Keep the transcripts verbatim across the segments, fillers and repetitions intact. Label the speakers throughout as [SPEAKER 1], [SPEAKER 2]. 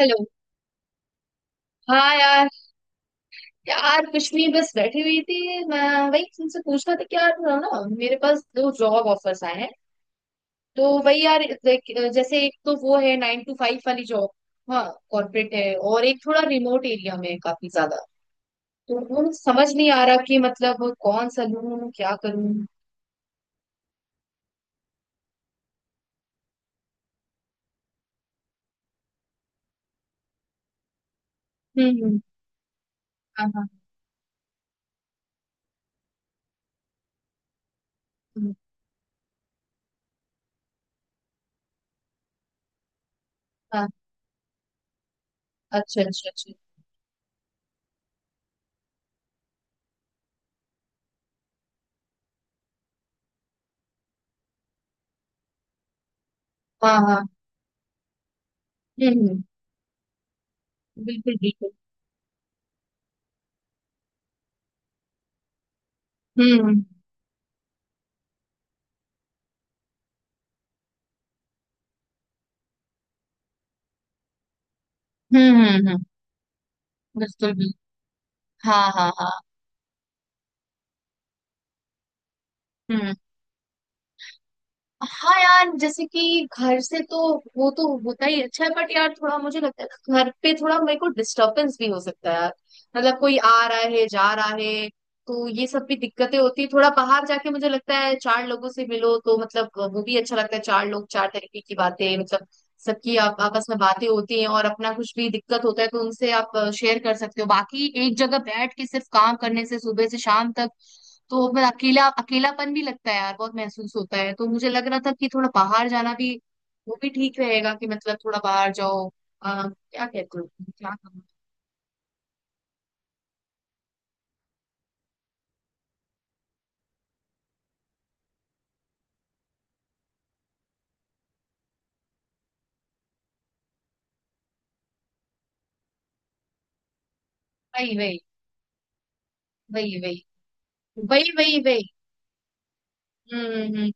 [SPEAKER 1] Hello. हाँ यार। यार कुछ नहीं, बस बैठी हुई थी मैं। वही तुमसे पूछना था कि यार ना, मेरे पास दो जॉब ऑफर्स आए हैं। तो वही यार देख- जैसे एक तो वो है नाइन टू फाइव वाली जॉब। हाँ। कॉर्पोरेट है, और एक थोड़ा रिमोट एरिया में है काफी ज्यादा। तो वो मुझे समझ नहीं आ रहा कि मतलब कौन सा लूँ, क्या करूँ। हम्म हम्म। हाँ हाँ। हम्म, हाँ। अच्छा अच्छा अच्छा। हाँ हाँ। हम्म हम्म। बिल्कुल बिल्कुल। हम्म हम्म हम्म हम्म हम्म, बिल्कुल बिल्कुल। हाँ हाँ हाँ। हम्म। हाँ यार, जैसे कि घर से तो वो तो होता ही अच्छा है, बट यार थोड़ा मुझे लगता है घर पे थोड़ा मेरे को डिस्टरबेंस भी हो सकता है यार। मतलब कोई आ रहा है जा रहा है, तो ये सब भी दिक्कतें होती है। थोड़ा बाहर जाके मुझे लगता है चार लोगों से मिलो तो मतलब वो भी अच्छा लगता है। चार लोग चार तरीके की बातें, मतलब सबकी आप आपस में बातें होती हैं, और अपना कुछ भी दिक्कत होता है तो उनसे आप शेयर कर सकते हो। बाकी एक जगह बैठ के सिर्फ काम करने से सुबह से शाम तक तो फिर अकेला अकेलापन भी लगता है यार, बहुत महसूस होता है। तो मुझे लग रहा था कि थोड़ा बाहर जाना भी वो भी ठीक रहेगा, कि मतलब थोड़ा बाहर जाओ। आ, क्या कहते हो? क्या कहूं? वही वही। वही वही। वही वही वही। हम्म हम्म हम्म,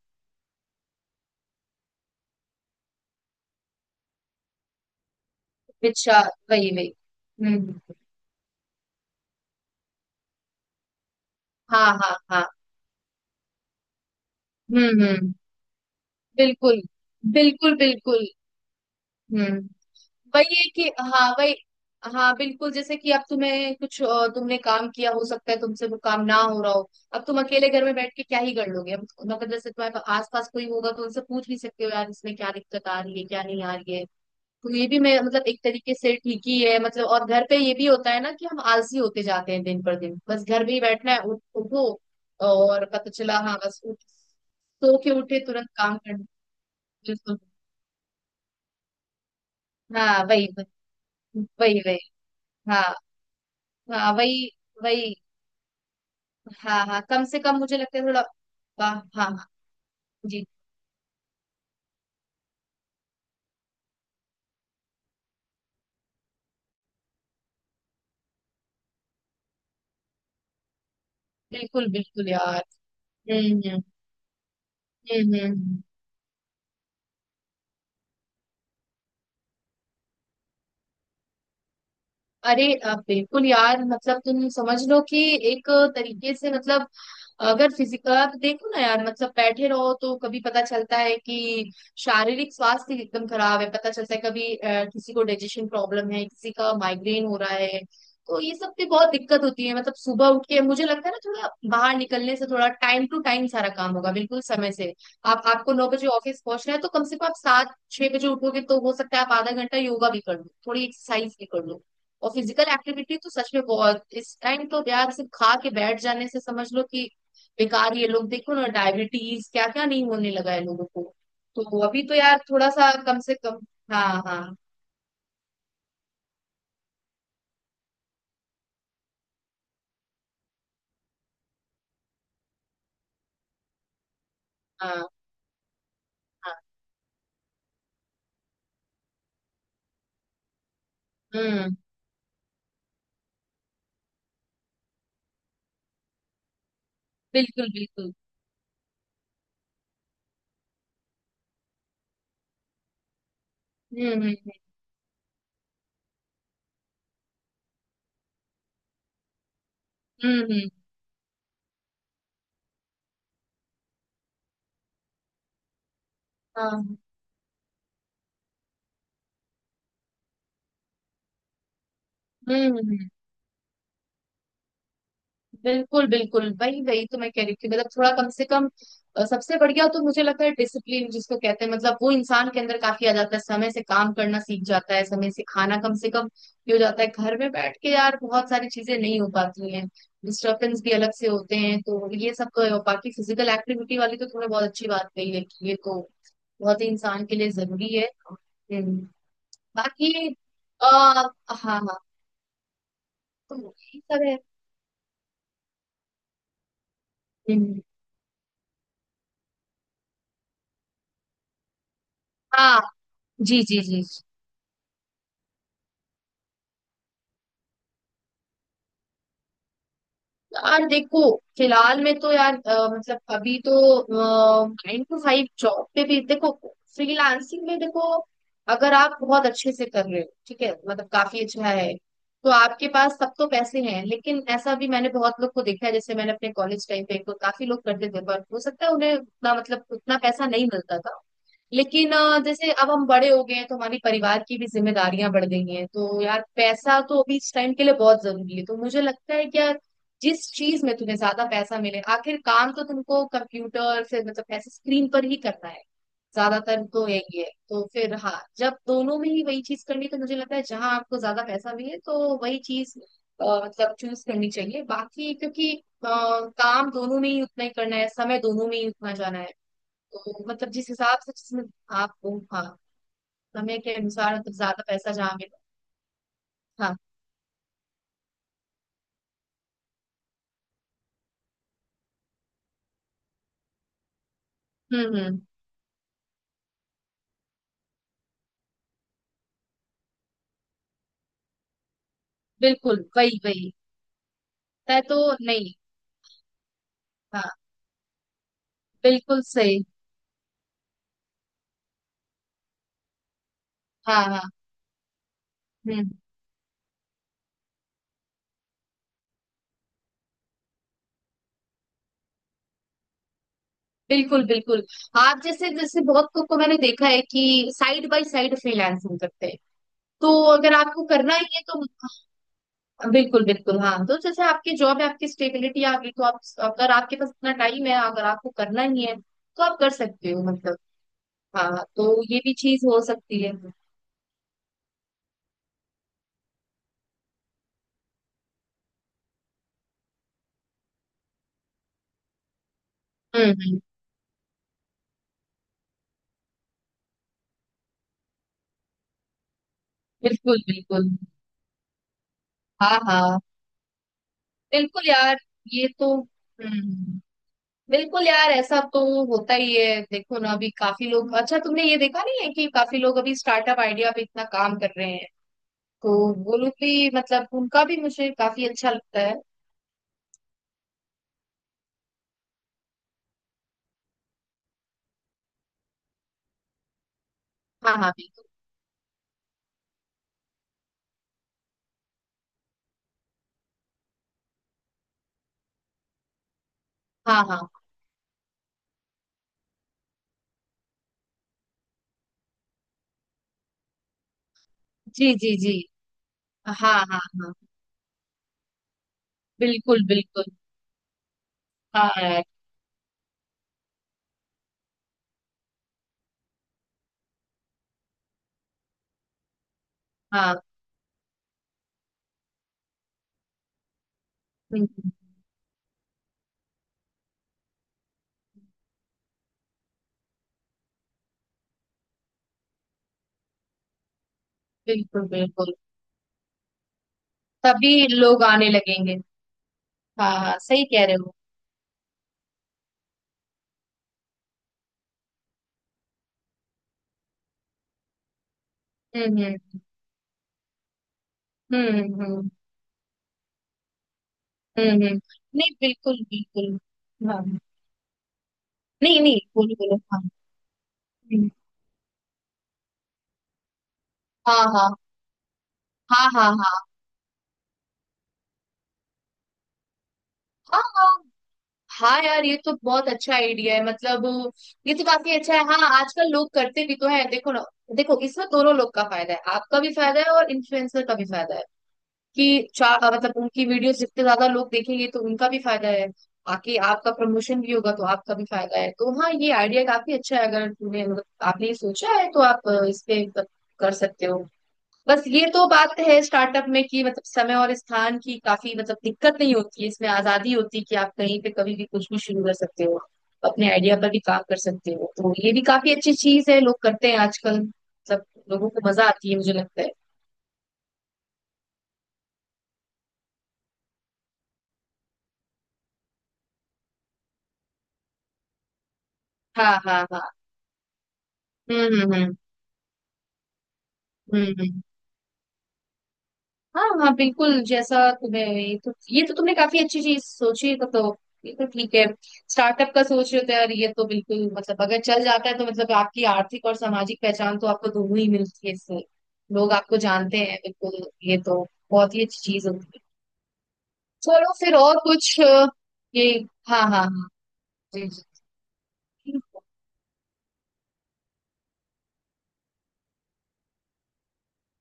[SPEAKER 1] अच्छा। वही वही। हम्म हम्म, हाँ हाँ हाँ। हम्म हम्म। बिल्कुल। बिल्कुल बिल्कुल। हम्म। वही है कि हाँ, वही। हाँ बिल्कुल, जैसे कि अब तुम्हें कुछ अ, तुमने काम किया, हो सकता है तुमसे वो काम ना हो रहा हो। अब तुम अकेले घर में बैठ के क्या ही कर लोगे? अब मतलब जैसे तुम्हारे आस पास कोई होगा तो उनसे पूछ भी सकते हो यार, इसमें क्या दिक्कत आ रही है क्या नहीं आ रही है। तो ये भी मैं मतलब एक तरीके से ठीक ही है मतलब। और घर पे ये भी होता है ना, कि हम आलसी होते जाते हैं दिन पर दिन, बस घर में ही बैठना है। उठ- उठो। और पता चला हाँ बस उठ, सो के उठे तुरंत काम करना। बिल्कुल। हाँ, वही वही। वही वही। हाँ हाँ। वही वही। हाँ हाँ, कम से कम मुझे लगता है थोड़ा, वाह। हाँ हाँ। जी। बिल्कुल बिल्कुल यार। हम्म हम्म हम्म हम्म, हम्म। अरे अ, बिल्कुल यार, मतलब तुम समझ लो कि एक तरीके से मतलब अगर फिजिकल देखो ना यार, मतलब बैठे रहो तो कभी पता चलता है कि शारीरिक स्वास्थ्य एकदम खराब है। पता चलता है कभी अ, किसी को डाइजेशन प्रॉब्लम है, किसी का माइग्रेन हो रहा है। तो ये सब पे बहुत दिक्कत होती है। मतलब सुबह उठ के मुझे लगता है ना थोड़ा बाहर निकलने से, थोड़ा टाइम टू टाइम सारा काम होगा बिल्कुल समय से। आप आपको नौ बजे ऑफिस पहुंचना है तो कम से कम आप सात छह बजे उठोगे, तो हो सकता है आप आधा घंटा योगा भी कर लो, थोड़ी एक्सरसाइज भी कर लो। और फिजिकल एक्टिविटी तो सच में बहुत, इस टाइम तो यार सिर्फ खा के बैठ जाने से समझ लो कि बेकार। ये लोग देखो ना, डायबिटीज क्या क्या नहीं होने लगा है लोगों को। तो अभी तो यार थोड़ा सा कम से कम। हाँ हाँ। हाँ हाँ। हम्म। बिल्कुल बिल्कुल। हम्म हम्म हम्म हम्म, हाँ। हम्म हम्म। बिल्कुल बिल्कुल, वही वही तो मैं कह रही थी मतलब थोड़ा कम से कम। अ, सबसे बढ़िया तो मुझे लगता है डिसिप्लिन जिसको कहते हैं, मतलब वो इंसान के अंदर काफी आ जाता है। समय से काम करना सीख जाता है, समय से खाना कम से कम ये हो जाता है। घर में बैठ के यार बहुत सारी चीजें नहीं हो पाती हैं, डिस्टर्बेंस भी अलग से होते हैं, तो ये सब तो है। और बाकी फिजिकल एक्टिविटी वाली तो तुमने बहुत अच्छी बात कही है कि ये तो बहुत ही इंसान के लिए जरूरी है। हम्म, बाकी आ, हाँ हाँ तो यही सब है। हम्म, हाँ। जी जी जी। यार देखो, फिलहाल में तो यार अ, मतलब अभी तो नाइन टू फाइव जॉब पे भी देखो, फ्रीलांसिंग में देखो। अगर आप बहुत अच्छे से कर रहे हो ठीक है, मतलब काफी अच्छा है। तो आपके पास सब तो पैसे हैं। लेकिन ऐसा भी मैंने बहुत लोग को देखा है, जैसे मैंने अपने कॉलेज टाइम पे तो काफी लोग करते थे, पर हो सकता है उन्हें उतना मतलब उतना पैसा नहीं मिलता था। लेकिन अ, जैसे अब हम बड़े हो गए हैं तो हमारी परिवार की भी जिम्मेदारियां बढ़ गई हैं, तो यार पैसा तो अभी इस टाइम के लिए बहुत जरूरी है। तो मुझे लगता है कि यार जिस चीज में तुम्हें ज्यादा पैसा मिले, आखिर काम तो तुमको कंप्यूटर से मतलब ऐसे स्क्रीन पर ही करना है ज्यादातर तो यही है, तो फिर हाँ। जब दोनों में ही वही चीज करनी है, तो मुझे लगता है जहां आपको ज्यादा पैसा मिले, तो वही चीज अ, मतलब चूज करनी चाहिए, बाकी क्योंकि अ, काम दोनों में ही उतना ही करना है, समय दोनों में ही उतना जाना है। तो मतलब जिस हिसाब से, जिसमें आपको, हाँ, समय के अनुसार मतलब ज्यादा पैसा जहाँ मिले। हाँ। हम्म हम्म। बिल्कुल वही वही। मैं तो, नहीं। हाँ बिल्कुल सही। हाँ हाँ। हम्म। बिल्कुल बिल्कुल। आप, जैसे जैसे बहुत लोग को मैंने देखा है कि साइड बाय साइड फ्रीलांसिंग करते हैं, तो अगर आपको करना ही है तो, हाँ, बिल्कुल बिल्कुल। हाँ, तो जैसे आपकी जॉब है, आपकी स्टेबिलिटी आ गई तो आप, अगर आपके पास इतना टाइम है, अगर आपको करना ही है तो आप कर सकते हो मतलब। हाँ, तो ये भी चीज हो सकती है। हम्म हम्म, बिल्कुल बिल्कुल। हाँ हाँ। बिल्कुल यार। ये तो, हम्म हम्म। बिल्कुल यार, ऐसा तो होता ही है। देखो ना अभी काफी लोग, अच्छा तुमने ये देखा नहीं है कि काफी लोग अभी स्टार्टअप आइडिया पे इतना काम कर रहे हैं, तो वो लोग भी मतलब उनका भी मुझे काफी अच्छा लगता है। हाँ हाँ बिल्कुल। हाँ हाँ। जी जी जी। हाँ हाँ हाँ। बिल्कुल बिल्कुल। हाँ यार। हाँ। हम्म, हम्म, बिल्कुल बिल्कुल। तभी लोग आने लगेंगे। हाँ हाँ सही कह रहे हो। हम्म हम्म हम्म। हम्म हम्म हम्म। नहीं बिल्कुल बिल्कुल। हाँ हाँ। नहीं नहीं, बोलो बोलो। हाँ। हम्म। हाँ हाँ। हाँ हाँ हाँ। हाँ हाँ। हाँ यार, ये तो बहुत अच्छा आइडिया है मतलब। ये तो काफी अच्छा है, हाँ आजकल लोग करते भी तो है, देखो ना। देखो इसमें दोनों लोग का फायदा है, आपका भी फायदा है और इन्फ्लुएंसर का भी फायदा है, कि चार, मतलब उनकी वीडियोस जितने ज्यादा लोग देखेंगे तो उनका भी फायदा है। बाकी आपका प्रमोशन भी होगा तो आपका भी फायदा है। तो हाँ, ये आइडिया काफी अच्छा है। अगर तुमने मतलब आपने ये सोचा है तो आप अ, इस पे कर सकते हो। बस ये तो बात है स्टार्टअप में, कि मतलब समय और स्थान की काफी मतलब दिक्कत नहीं होती है, इसमें आजादी होती है कि आप कहीं पे कभी भी कुछ भी शुरू कर सकते हो, अपने आइडिया पर भी काम कर सकते हो। तो ये भी काफी अच्छी चीज है, लोग करते हैं आजकल मतलब, लोगों को मजा आती है मुझे लगता है। हाँ हाँ हाँ। हम्म हम्म हम्म हम्म हम्म। हाँ हाँ बिल्कुल, जैसा तुम्हें, ये तो ये तो तुमने काफी अच्छी चीज सोची है, तो तो ये तो ठीक है। स्टार्टअप का सोच रहे हो तो यार ये तो बिल्कुल, मतलब अगर चल जाता है तो मतलब आपकी आर्थिक और सामाजिक पहचान तो आपको दोनों ही मिलती है इससे। लोग आपको जानते हैं, बिल्कुल। ये तो बहुत ही अच्छी चीज होती है। चलो फिर और कुछ अ, ये, हाँ हाँ हाँ। जी जी। ठीक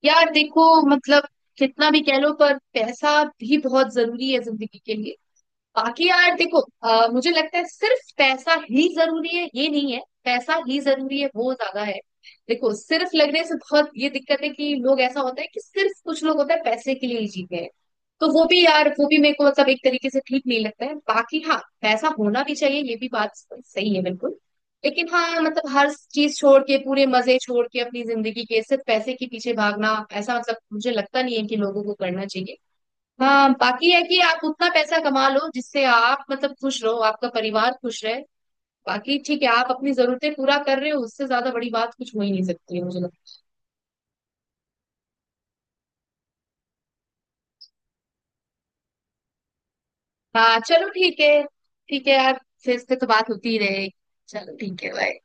[SPEAKER 1] है। यार देखो, मतलब कितना भी कह लो पर पैसा भी बहुत जरूरी है जिंदगी के लिए। बाकी यार देखो अ, मुझे लगता है सिर्फ पैसा ही जरूरी है ये नहीं है, पैसा ही जरूरी है वो ज्यादा है। देखो सिर्फ लगने से बहुत ये दिक्कत है कि लोग, ऐसा होता है कि सिर्फ कुछ लोग होता है पैसे के लिए ही जीते हैं। तो वो भी यार, वो भी मेरे को मतलब एक तरीके से ठीक नहीं लगता है। बाकी हाँ, पैसा होना भी चाहिए ये भी बात सही है बिल्कुल। लेकिन हाँ, मतलब हर चीज छोड़ के, पूरे मजे छोड़ के अपनी जिंदगी के सिर्फ पैसे के पीछे भागना, ऐसा मतलब मुझे लगता नहीं है कि लोगों को करना चाहिए। हाँ बाकी है कि आप उतना पैसा कमा लो जिससे आप मतलब खुश रहो, आपका परिवार खुश रहे। बाकी ठीक है, आप अपनी जरूरतें पूरा कर रहे हो, उससे ज्यादा बड़ी बात कुछ हो ही नहीं सकती है मुझे लगता है। हाँ चलो ठीक है। ठीक है यार। फिर इस पे तो बात होती ही रहेगी। चलो ठीक है, बाय।